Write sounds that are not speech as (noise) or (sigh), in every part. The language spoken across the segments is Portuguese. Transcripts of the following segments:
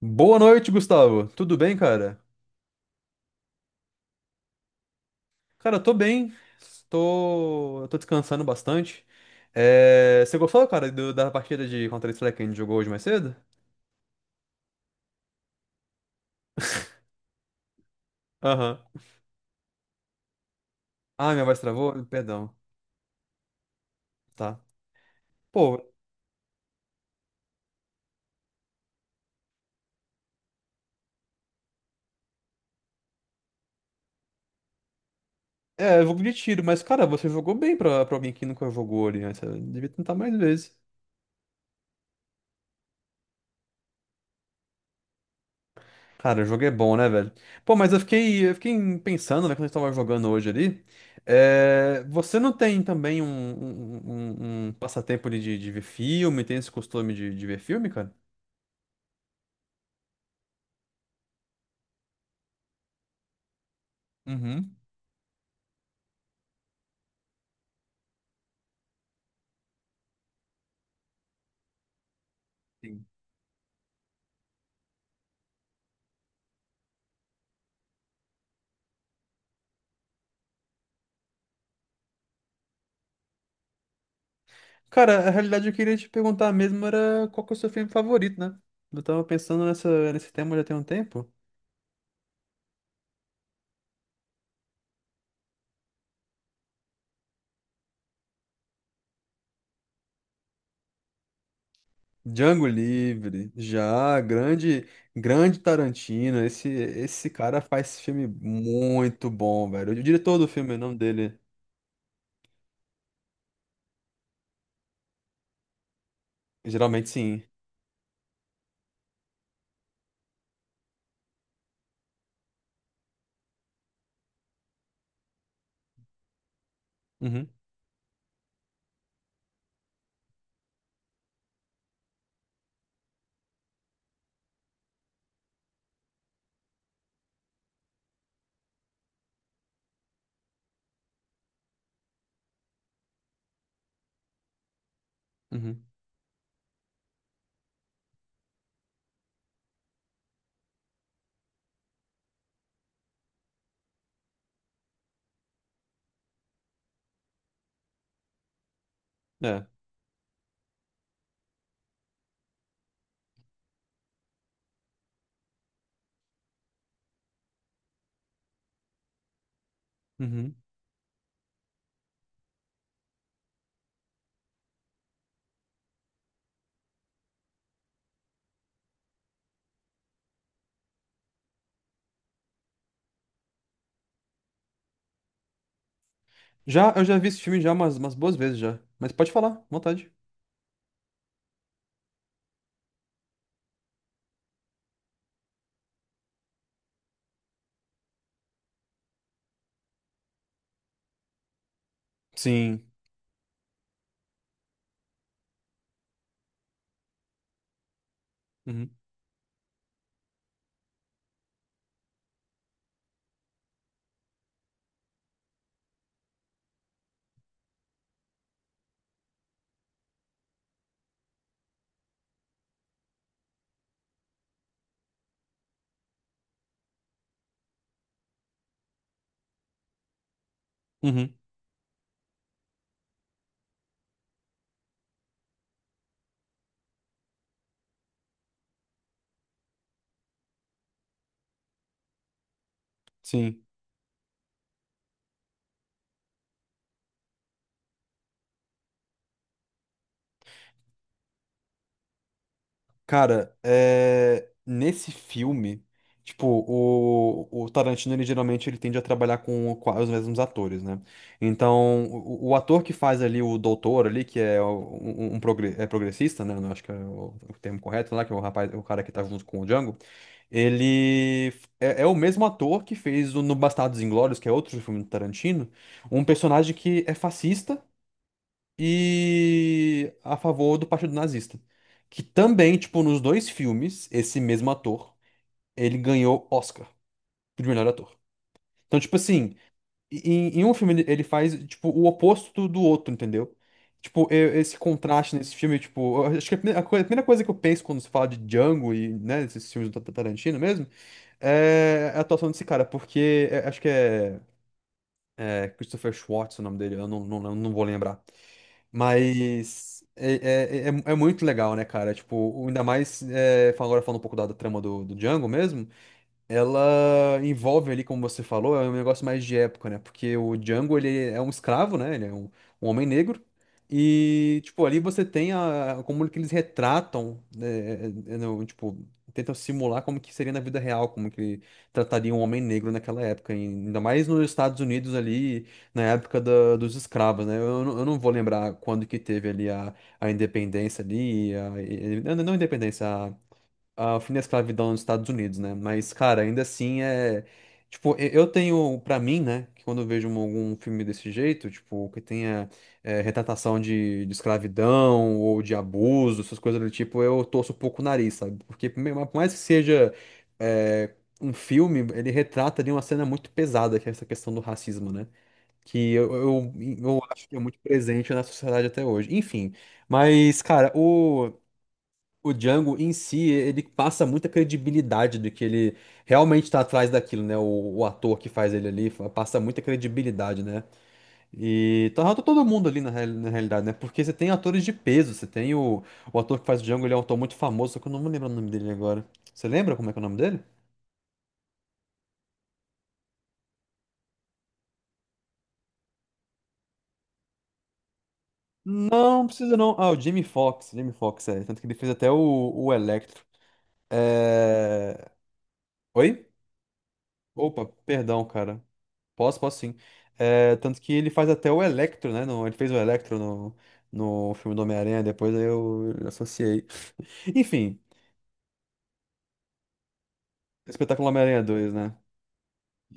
Boa noite, Gustavo. Tudo bem, cara? Cara, eu tô bem. Tô descansando bastante. Você gostou, cara, da partida de Counter-Strike que a gente jogou hoje mais cedo? (laughs) Aham. Ah, minha voz travou? Perdão. Tá. Pô, é jogo de tiro, mas, cara, você jogou bem pra alguém que nunca jogou ali, né? Você devia tentar mais vezes. Cara, o jogo é bom, né, velho? Pô, mas eu fiquei pensando, né, quando a gente tava jogando hoje ali. Você não tem também um passatempo de, de ver filme? Tem esse costume de ver filme, cara? Uhum. Sim. Cara, a realidade, eu queria te perguntar mesmo era qual que é o seu filme favorito, né? Eu tava pensando nesse tema já tem um tempo. Django Livre, já, grande Tarantino. Esse cara faz filme muito bom, velho. O diretor do filme, o nome dele. Geralmente sim. Uhum, uhum, é. Uhum. Já, eu já vi esse filme já umas boas vezes já. Mas pode falar, à vontade. Sim. Uhum, uhum, sim. Cara, é... Nesse filme, tipo, o Tarantino, ele geralmente ele tende a trabalhar com os mesmos atores, né? Então, o ator que faz ali o doutor ali, que é um é progressista, né? Não acho que é o termo correto lá, que é o rapaz, o cara que tá junto com o Django, é, é o mesmo ator que fez o No Bastardos Inglórios, que é outro filme do Tarantino, um personagem que é fascista, e a favor do Partido Nazista. Que também, tipo, nos dois filmes, esse mesmo ator, ele ganhou Oscar de melhor ator. Então, tipo assim, em um filme ele faz, tipo, o oposto do outro, entendeu? Tipo, esse contraste nesse filme, tipo, eu acho que a primeira coisa que eu penso quando se fala de Django e, né, esses filmes do Tarantino mesmo, é é a atuação desse cara, porque acho que é Christopher Schwartz o nome dele, eu não vou lembrar. Mas é muito legal, né, cara? Tipo, ainda mais agora falando um pouco da trama do Django mesmo. Ela envolve ali, como você falou, é um negócio mais de época, né? Porque o Django, ele é um escravo, né? Ele é um, um homem negro. E, tipo, ali você tem a, como que eles retratam, né, tipo, tentam simular como que seria na vida real, como que trataria um homem negro naquela época, e ainda mais nos Estados Unidos ali, na época dos escravos, né? Eu, eu não vou lembrar quando que teve ali a independência ali, a, não, não independência, ao fim da escravidão nos Estados Unidos, né? Mas, cara, ainda assim é. Tipo, eu tenho pra mim, né, que quando eu vejo algum filme desse jeito, tipo, que tenha é, retratação de escravidão ou de abuso, essas coisas do tipo, eu torço um pouco o nariz, sabe? Porque, por mais que seja é, um filme, ele retrata ali uma cena muito pesada, que é essa questão do racismo, né? Que eu acho que é muito presente na sociedade até hoje. Enfim, mas, cara, o. O Django em si, ele passa muita credibilidade do que ele realmente está atrás daquilo, né? O ator que faz ele ali passa muita credibilidade, né? E tá todo mundo ali na, na realidade, né? Porque você tem atores de peso, você tem o ator que faz o Django, ele é um ator muito famoso, só que eu não me lembro o nome dele agora. Você lembra como é que é o nome dele? Não, precisa não. Ah, o Jamie Foxx, Jamie Foxx, é. Tanto que ele fez até o Electro. É... Oi? Opa, perdão, cara. Posso, posso sim. É, tanto que ele faz até o Electro, né? Ele fez o Electro no filme do Homem-Aranha, depois aí eu associei. (laughs) Enfim, Espetáculo Homem-Aranha dois, né?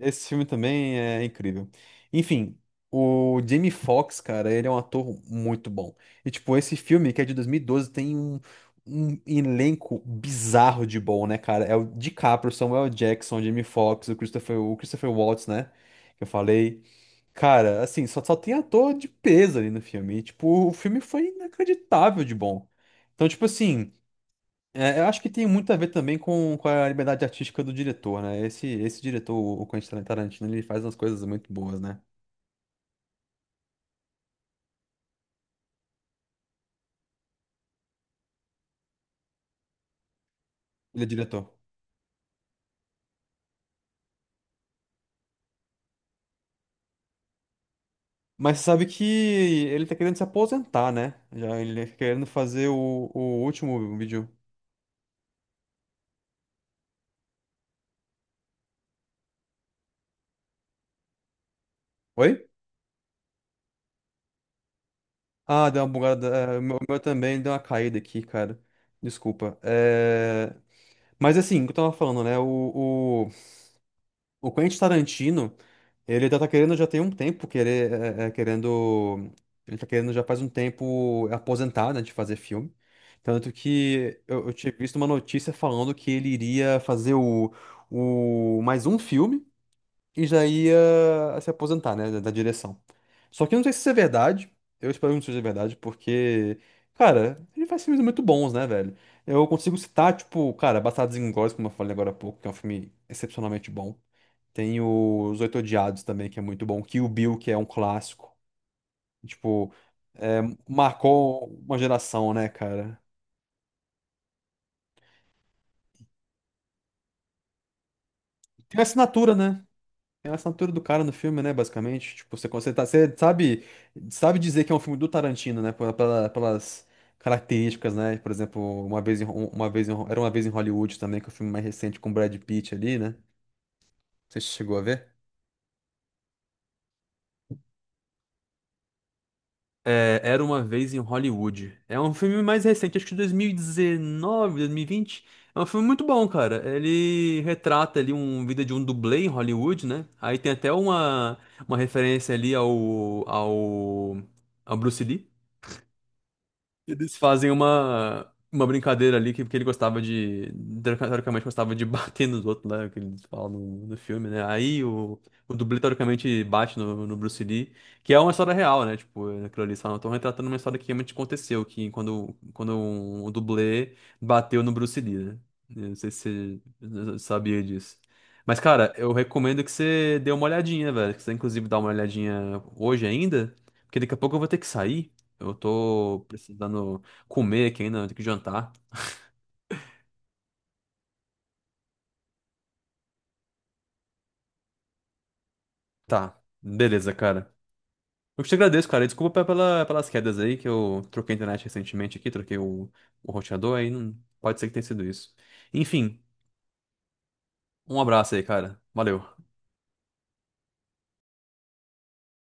Esse filme também é incrível. Enfim, o Jamie Foxx, cara, ele é um ator muito bom. E, tipo, esse filme, que é de 2012, tem um, um elenco bizarro de bom, né, cara? É o DiCaprio, Samuel Jackson, Jamie Foxx, o Christopher Waltz, né? Que eu falei. Cara, assim, só tem ator de peso ali no filme. E, tipo, o filme foi inacreditável de bom. Então, tipo assim, é, eu acho que tem muito a ver também com a liberdade artística do diretor, né? Esse diretor, o Quentin Tarantino, ele faz umas coisas muito boas, né? Ele é diretor. Mas você sabe que ele tá querendo se aposentar, né? Já ele tá querendo fazer o último vídeo. Oi? Ah, deu uma bugada. É, O meu também deu uma caída aqui, cara. Desculpa. É... Mas assim, o que eu tava falando, né? O Quentin Tarantino, ele já tá querendo já tem um tempo, querer, querendo, ele tá querendo já faz um tempo aposentar, né, de fazer filme. Tanto que eu tinha visto uma notícia falando que ele iria fazer o mais um filme e já ia se aposentar, né, da direção. Só que eu não sei se isso é verdade, eu espero que não seja verdade, porque, cara, ele faz filmes muito bons, né, velho? Eu consigo citar, tipo, cara, Bastardos Inglórios, como eu falei agora há pouco, que é um filme excepcionalmente bom. Tem os Oito Odiados também, que é muito bom. Kill Bill, que é um clássico. Tipo, é, marcou uma geração, né, cara? Tem a assinatura, né? Tem a assinatura do cara no filme, né, basicamente. Tipo, você sabe, sabe dizer que é um filme do Tarantino, né? Pelas características, né? Por exemplo, uma vez em, Ho- uma vez em Ho- era uma vez em Hollywood também, que é o filme mais recente com o Brad Pitt ali, né? Você chegou a ver? É, Era uma vez em Hollywood. É um filme mais recente, acho que 2019, 2020. É um filme muito bom, cara. Ele retrata ali um vida de um dublê em Hollywood, né? Aí tem até uma referência ali ao Bruce Lee. Eles fazem uma brincadeira ali que ele gostava de. Teoricamente gostava de (laughs) bater nos outros, né? Que eles falam no filme, né? Aí o dublê teoricamente bate no Bruce Lee, que é uma história real, né? Tipo, aquilo ali só não estão retratando uma história que realmente aconteceu, que quando um dublê bateu no Bruce Lee, né? Eu não sei se você sabia disso. Mas, cara, eu recomendo que você dê uma olhadinha, velho. Que você, inclusive, dá uma olhadinha hoje ainda, porque daqui a pouco eu vou ter que sair. Eu tô precisando comer aqui ainda, eu tenho que jantar. Tá, beleza, cara. Eu te agradeço, cara. E Desculpa pelas quedas aí, que eu troquei a internet recentemente aqui, troquei o roteador aí. Não, pode ser que tenha sido isso. Enfim, um abraço aí, cara. Valeu.